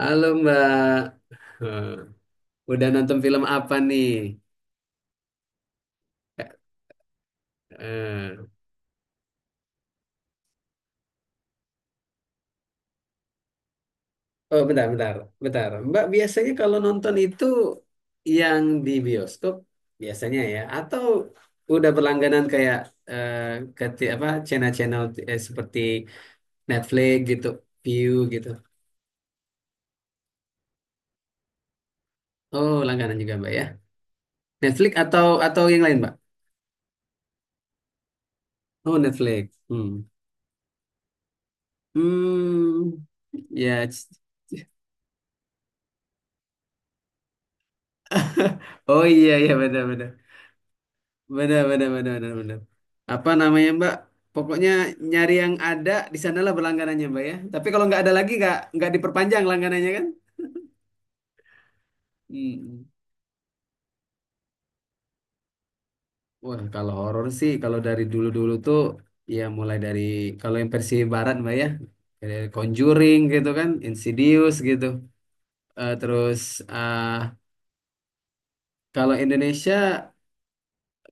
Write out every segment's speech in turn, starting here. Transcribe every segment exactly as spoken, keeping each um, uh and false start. Halo Mbak. Eh, udah nonton film apa nih? Eh, oh bentar, bentar, bentar. Mbak biasanya kalau nonton itu yang di bioskop biasanya ya, atau udah berlangganan kayak eh, ke ti- apa channel-channel, eh, seperti Netflix gitu, View gitu. Oh langganan juga Mbak ya. Netflix atau atau yang lain Mbak? Oh Netflix. Hmm. Hmm. Ya. Oh iya iya benar-benar. Benar, benar, benar, benar, benar. Apa namanya, Mbak? Pokoknya nyari yang ada di sanalah berlangganannya, Mbak ya. Tapi kalau nggak ada lagi, nggak nggak diperpanjang langganannya kan? Hmm. Wah, kalau horor sih, kalau dari dulu-dulu tuh, ya mulai dari kalau yang versi barat, Mbak ya, dari Conjuring gitu kan, Insidious gitu. Eh, terus eh kalau Indonesia,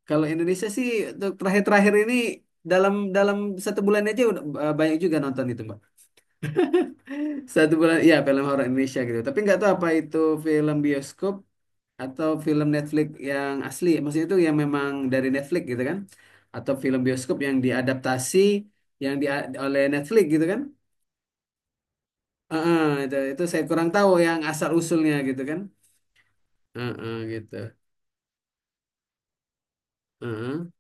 kalau Indonesia sih untuk terakhir-terakhir ini dalam dalam satu bulan aja udah, eh, banyak juga nonton itu, Mbak. Satu bulan, ya film horor Indonesia gitu. Tapi nggak tahu apa itu film bioskop atau film Netflix yang asli. Maksudnya itu yang memang dari Netflix gitu kan? Atau film bioskop yang diadaptasi yang di oleh Netflix gitu kan? Heeh, itu itu saya kurang tahu yang asal usulnya gitu kan? Heeh, gitu. Heeh.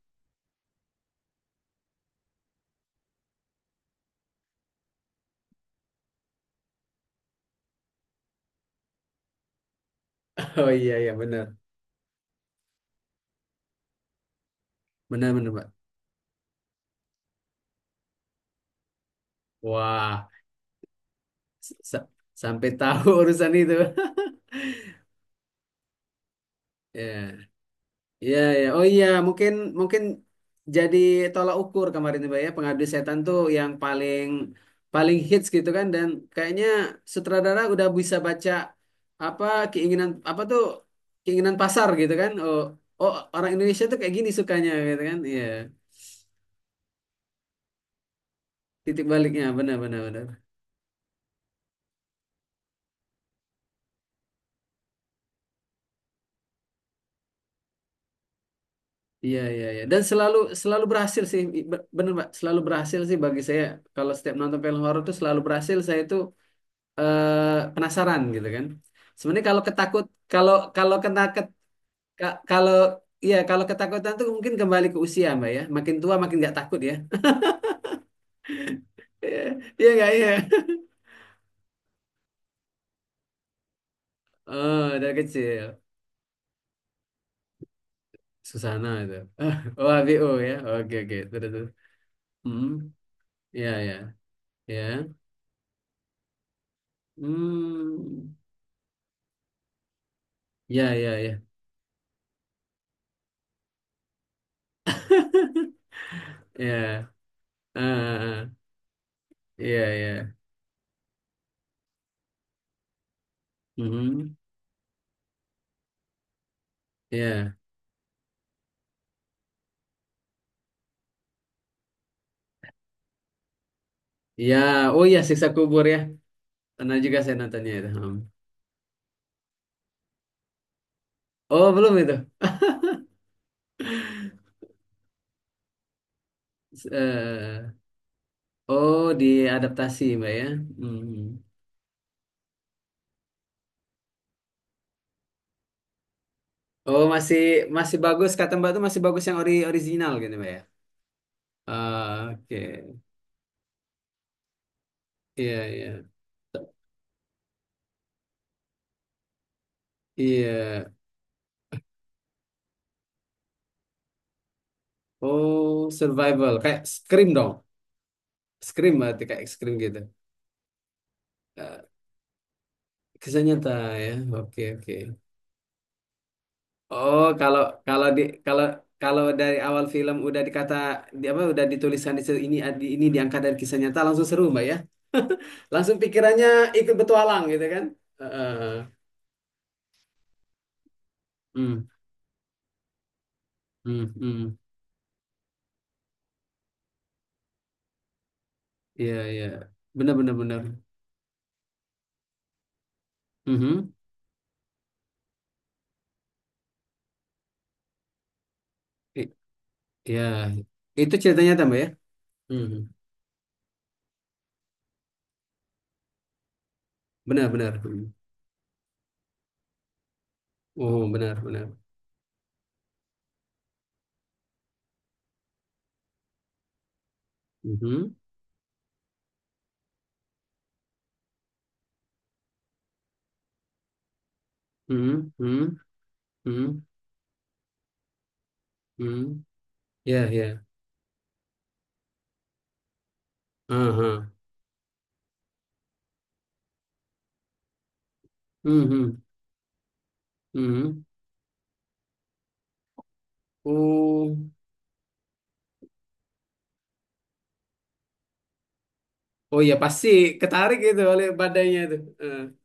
Oh iya iya benar, benar benar Pak. Wah, sa- sampai tahu urusan itu. Ya. Iya, ya. Oh iya, mungkin mungkin jadi tolak ukur kemarin tuh, Mbak ya, Pengabdi Setan tuh yang paling paling hits gitu kan, dan kayaknya sutradara udah bisa baca apa keinginan, apa tuh keinginan pasar gitu kan. Oh, oh orang Indonesia tuh kayak gini sukanya gitu kan. Iya. Titik baliknya benar benar benar. Iya, iya, iya. Dan selalu selalu berhasil sih. I- be- Bener Mbak, selalu berhasil sih bagi saya, kalau setiap nonton film horor tuh selalu berhasil, saya itu eh, penasaran gitu kan. Sebenarnya kalau ketakut kalau kalau kena ket- ka- kalau iya kalau ketakutan tuh mungkin kembali ke usia Mbak ya. Makin tua makin nggak takut ya. Iya iya nggak iya. Oh, dari kecil. Susana itu. Ah, Oh, A B O ya. Oke oke. Terus terus. Hmm. Iya iya iya. Hmm. Iya iya iya. Iya. Ah, ah, ah. Iya iya. Hmm. Iya. Iya. Oh iya siksa kubur ya. Pernah juga saya nontonnya itu. Hmm. Oh, belum itu. eh oh, diadaptasi Mbak ya. Hmm. Oh, masih masih bagus kata Mbak tuh masih bagus yang ori original gitu Mbak ya. Ah, Oke. Iya, iya. Iya. Oh, survival kayak Scream dong. Scream, berarti kayak Scream gitu. Eh, Kisah nyata ya. Oke, oke. Oh, kalau kalau di kalau kalau dari awal film udah dikata di apa udah ditulisan di situ, ini di- ini diangkat dari kisah nyata, langsung seru Mbak ya. Langsung pikirannya ikut petualang gitu kan. Heeh. Hmm, hmm, hmm. Iya, iya. Benar benar benar. Mhm. I- Iya. Itu ceritanya tambah ya. Mhm. Benar benar. Mhm. Oh, benar benar. Mhm. Mhm. Mhm. Mhm. Mhm. Iya, iya. Aha. Mhm. Mhm. Oh. Oh iya pasti ketarik itu oleh badainya itu. Heeh.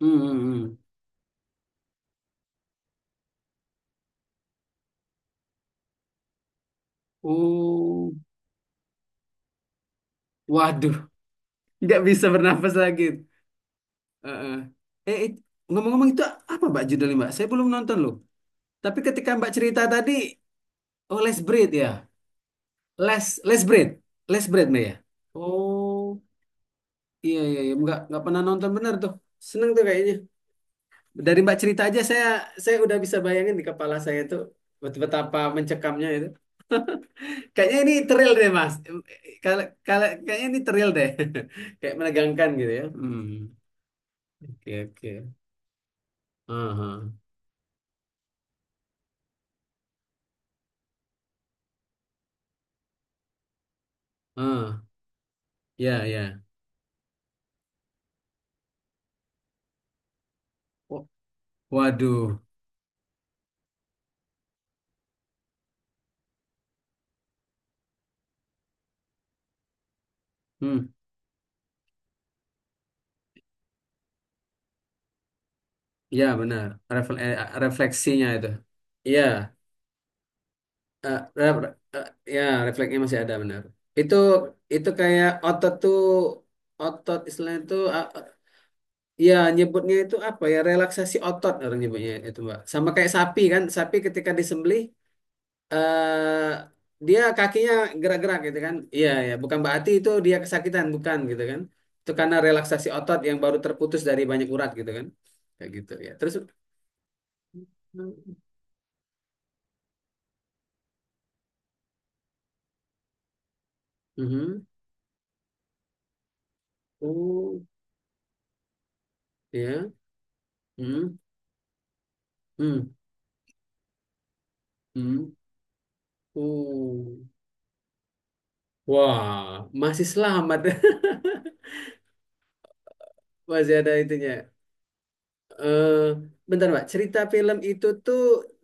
Hmm, hmm, hmm. Oh, waduh, nggak bisa bernafas lagi. Heeh. Eh, Eh, it- Ngomong-ngomong itu apa Mbak judulnya Mbak? Saya belum nonton loh. Tapi ketika Mbak cerita tadi, oh Les Breed ya, Les Les Breed, Les Breed Mbak ya. Oh, iya iya iya, nggak nggak pernah nonton bener tuh. Seneng tuh kayaknya. Dari Mbak cerita aja saya saya udah bisa bayangin di kepala saya tuh bet- betapa mencekamnya. Kayaknya ini thrill deh, Mas. Kalau kalau Kayaknya ini thrill deh. Kayak menegangkan gitu ya. Hmm. Oke, oke. Aha. Ah, ya, ya. Wa- Waduh. Hmm. Ya, benar. Refle- eh, Refleksinya itu. Iya. Eh, re- re- eh, Ya, refleksnya masih ada, benar. Itu itu kayak otot tuh, otot istilahnya itu, ah, ah, ya nyebutnya itu apa, ya relaksasi otot orang nyebutnya itu Mbak. Sama kayak sapi kan, sapi ketika disembelih, eh dia kakinya gerak-gerak gitu kan. Iya, ya, bukan berarti itu dia kesakitan, bukan gitu kan. Itu karena relaksasi otot yang baru terputus dari banyak urat gitu kan. Kayak gitu ya. Terus Mhm. Oh, ya. Hmm. Hmm. Hmm. Oh. Wah, masih selamat. Masih ada itunya. eh Bentar Mbak, cerita film itu tuh,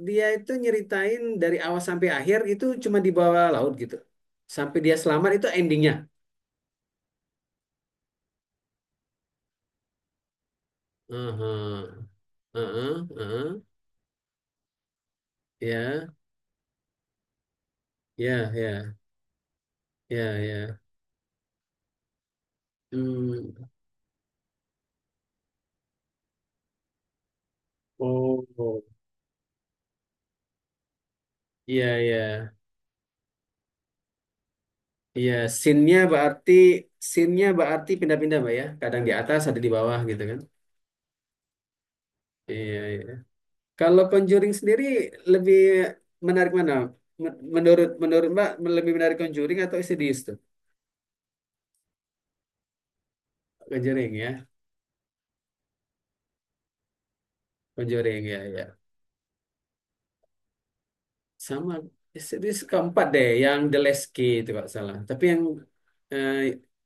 dia itu nyeritain dari awal sampai akhir itu cuma di bawah laut gitu. Sampai dia selamat itu endingnya. Heeh. Heeh, heeh. Ya, ya, ya, ya, ya. Hmm. Oh, iya, iya. Iya, scene-nya berarti scene-nya berarti pindah-pindah Mbak ya. Kadang di atas, ada di bawah gitu kan. Iya, iya. Kalau Conjuring sendiri lebih menarik mana? Men- Menurut menurut Mbak, lebih menarik Conjuring atau Insidious tuh? Conjuring ya, Conjuring ya ya. Sama Insidious keempat deh, yang The Lesky itu kalau salah. Tapi yang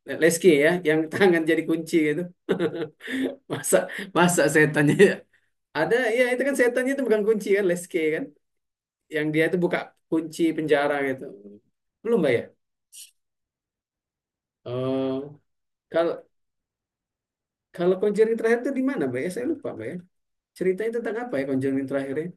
eh, Lesky ya, yang tangan jadi kunci gitu. Masa Masa setannya ada ya, itu kan setannya itu bukan kunci kan Lesky kan, yang dia itu buka kunci penjara gitu. Belum Mbak ya? Oh, kalau kalau Conjuring terakhir itu di mana, Mbak ya? Saya lupa, Mbak ya. Ceritanya tentang apa ya Conjuring terakhirnya?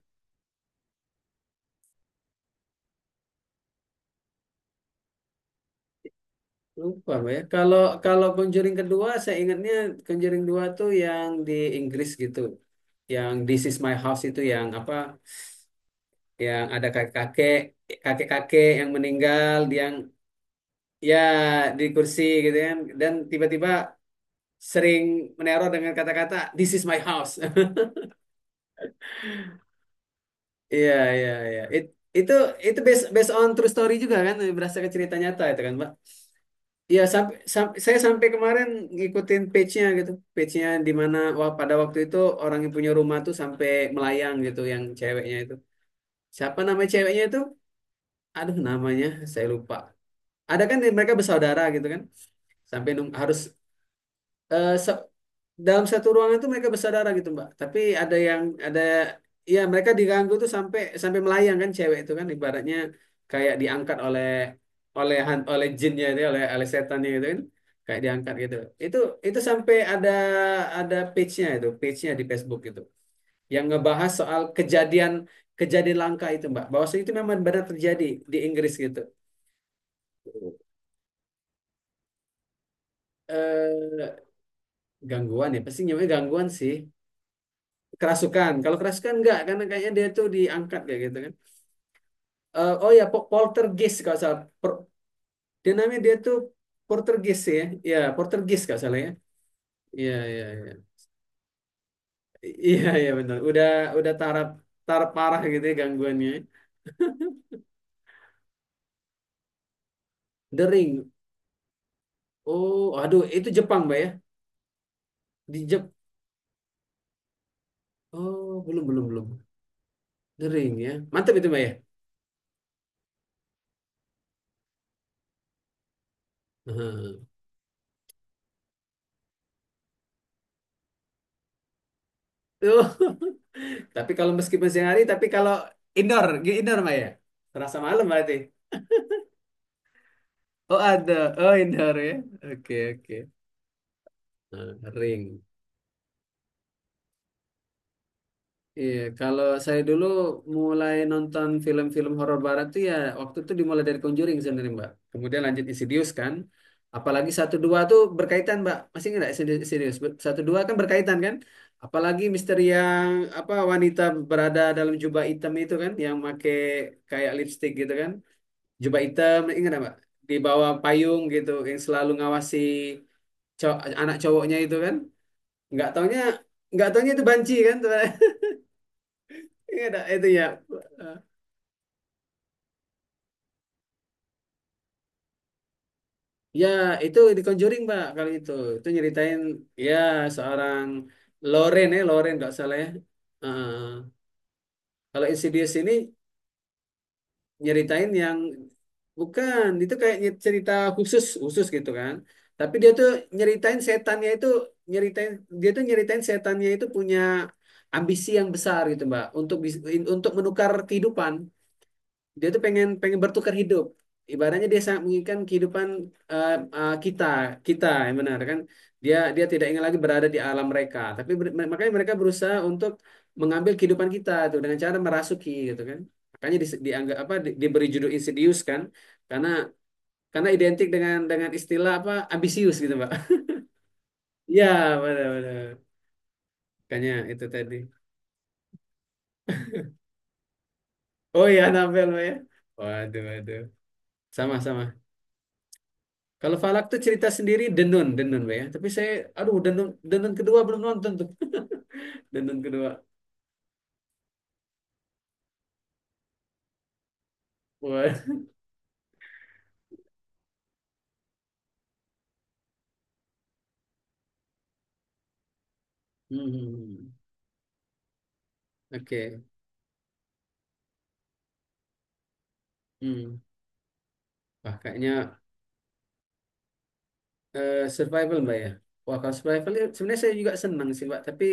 Lupa, Mbak ya. Kalau Kalau Conjuring kedua, saya ingatnya Conjuring dua tuh yang di Inggris gitu. Yang This Is My House itu yang apa? Yang ada kakek-kakek, kakek-kakek yang meninggal, yang ya di kursi gitu kan. Dan tiba-tiba sering meneror dengan kata-kata This is my house. Iya, iya, iya. It- itu itu based based on true story juga kan? Berdasarkan cerita nyata itu kan, Mbak? Iya, sampai, sam- saya sampai kemarin ngikutin page-nya gitu. Page-nya di mana wah, pada waktu itu orang yang punya rumah tuh sampai melayang gitu yang ceweknya itu. Siapa nama ceweknya itu? Aduh, namanya saya lupa. Ada kan mereka bersaudara gitu kan. Sampai nung- Harus dalam satu ruangan itu mereka bersaudara gitu Mbak. Tapi ada yang ada ya mereka diganggu tuh sampai sampai melayang kan cewek itu kan, ibaratnya kayak diangkat oleh oleh han- oleh jinnya itu, oleh oleh setannya gitu kan, kayak diangkat gitu. Itu itu sampai ada ada page-nya itu, page-nya di Facebook gitu. Yang ngebahas soal kejadian kejadian langka itu Mbak. Bahwasanya itu memang benar terjadi di Inggris gitu. Eh, Gangguan ya, pasti nyamanya gangguan sih. Kerasukan. Kalau kerasukan enggak, karena kayaknya dia tuh diangkat kayak gitu kan. Eh, oh ya, po- poltergeist kalau salah. Per- dia namanya dia tuh Poltergeist ya. Ya, poltergeist kalau salah ya. Iya, iya, iya. Iya, iya benar. Udah udah taraf taraf parah gitu ya gangguannya. The Ring. Oh, aduh, itu Jepang, Mbak ya? Di Jep. Oh, belum, belum, belum. The Ring ya. Mantap itu, Mbak ya. Hmm. Oh, tapi kalau meskipun siang hari, tapi kalau indoor, indoor, Mbak ya. Terasa malam berarti. Oh ada, oh indoor ya. Oke oke. Nah, Ring. Iya, kalau saya dulu mulai nonton film-film horor barat tuh ya, waktu itu dimulai dari Conjuring sebenarnya Mbak. Kemudian lanjut Insidious kan. Apalagi satu dua tuh berkaitan Mbak. Masih nggak Insidi- Insidious? Ber- Satu dua kan berkaitan kan. Apalagi misteri yang apa, wanita berada dalam jubah hitam itu kan, yang make kayak lipstick gitu kan. Jubah hitam, ingat nggak Mbak? Di bawah payung gitu, yang selalu ngawasi cow- anak cowoknya itu kan. nggak taunya nggak taunya itu banci kan teman. Iya, ada itu ya, ya itu di Conjuring mbak, kalau itu itu nyeritain ya seorang Loren ya, Loren nggak salah ya. Heeh. Kalau Insidious ini nyeritain yang bukan itu kayak nyer- cerita khusus khusus gitu kan, tapi dia tuh nyeritain setannya itu, nyeritain dia tuh nyeritain setannya itu punya ambisi yang besar gitu mbak, untuk bis- untuk menukar kehidupan, dia tuh pengen pengen bertukar hidup, ibaratnya dia sangat menginginkan kehidupan eh, eh, kita, kita yang benar kan. Dia Dia tidak ingin lagi berada di alam mereka, tapi ber- makanya mereka berusaha untuk mengambil kehidupan kita tuh dengan cara merasuki gitu kan. Makanya dis- dianggap apa di- diberi judul Insidious kan, karena karena identik dengan dengan istilah apa, ambisius gitu Pak. Ya, benar-benar, makanya itu tadi. Oh ya Nabel Pak, ya, waduh waduh. Sama sama. Kalau Falak tuh cerita sendiri, Denun, Denun Be, ya. Tapi saya, aduh Denun, Denun kedua belum nonton tuh. Denun kedua. Wah. Hmm. Oke. Hmm. Wah, kayaknya eh, survival Mbak ya. Wah, kalau survival ya, sebenarnya saya juga senang sih Mbak. Tapi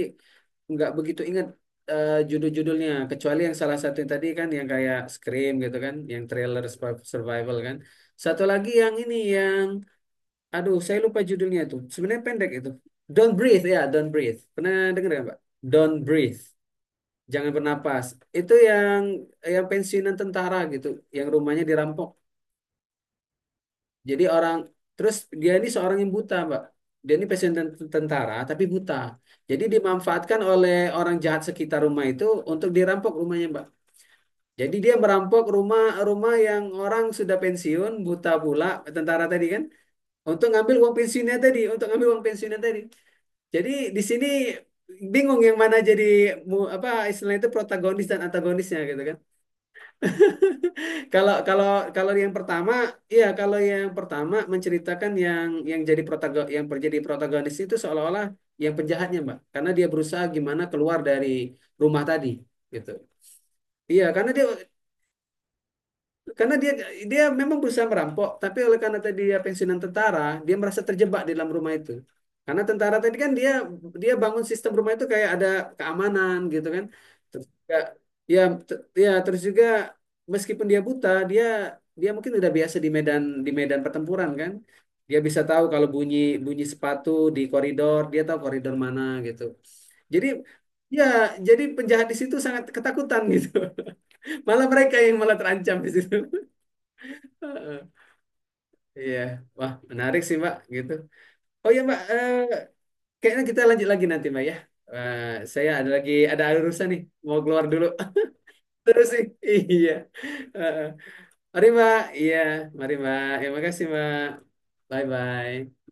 nggak begitu ingat eh, judul-judulnya. Kecuali yang salah satu yang tadi kan yang kayak Scream gitu kan. Yang trailer survival kan. Satu lagi yang ini yang, aduh, saya lupa judulnya itu. Sebenarnya pendek itu. Don't Breathe ya, Don't Breathe. Pernah dengar nggak, Pak? Don't Breathe. Jangan bernapas. Itu yang yang pensiunan tentara gitu, yang rumahnya dirampok. Jadi orang, terus dia ini seorang yang buta, Pak. Dia ini pensiunan ten- tentara tapi buta. Jadi dimanfaatkan oleh orang jahat sekitar rumah itu untuk dirampok rumahnya, Pak. Jadi dia merampok rumah-rumah yang orang sudah pensiun, buta pula, tentara tadi kan, untuk ngambil uang pensiunnya tadi, untuk ngambil uang pensiunnya tadi. Jadi di sini bingung yang mana jadi mu- apa istilahnya itu, protagonis dan antagonisnya gitu kan. Kalau kalau Kalau yang pertama, iya kalau yang pertama menceritakan yang yang jadi protagon yang menjadi protagonis itu seolah-olah yang penjahatnya, Mbak. Karena dia berusaha gimana keluar dari rumah tadi gitu. Iya, karena dia karena dia dia memang berusaha merampok, tapi oleh karena tadi dia pensiunan tentara, dia merasa terjebak di dalam rumah itu. Karena tentara tadi kan dia dia bangun sistem rumah itu kayak ada keamanan gitu kan. Terus juga, ya te- ya terus juga meskipun dia buta, dia dia mungkin udah biasa di medan di medan pertempuran kan. Dia bisa tahu kalau bunyi bunyi sepatu di koridor, dia tahu koridor mana gitu. Jadi ya jadi penjahat di situ sangat ketakutan gitu. Malah mereka yang malah terancam di situ. Heeh. Iya, wah menarik sih Mbak gitu. Oh ya Mbak, eh, kayaknya kita lanjut lagi nanti Mbak ya. Eh, saya ada lagi ada urusan nih, mau keluar dulu. Terus sih, iya. Heeh. Mari Mbak, iya, mari Mbak. Ya, makasih Mbak. Bye bye.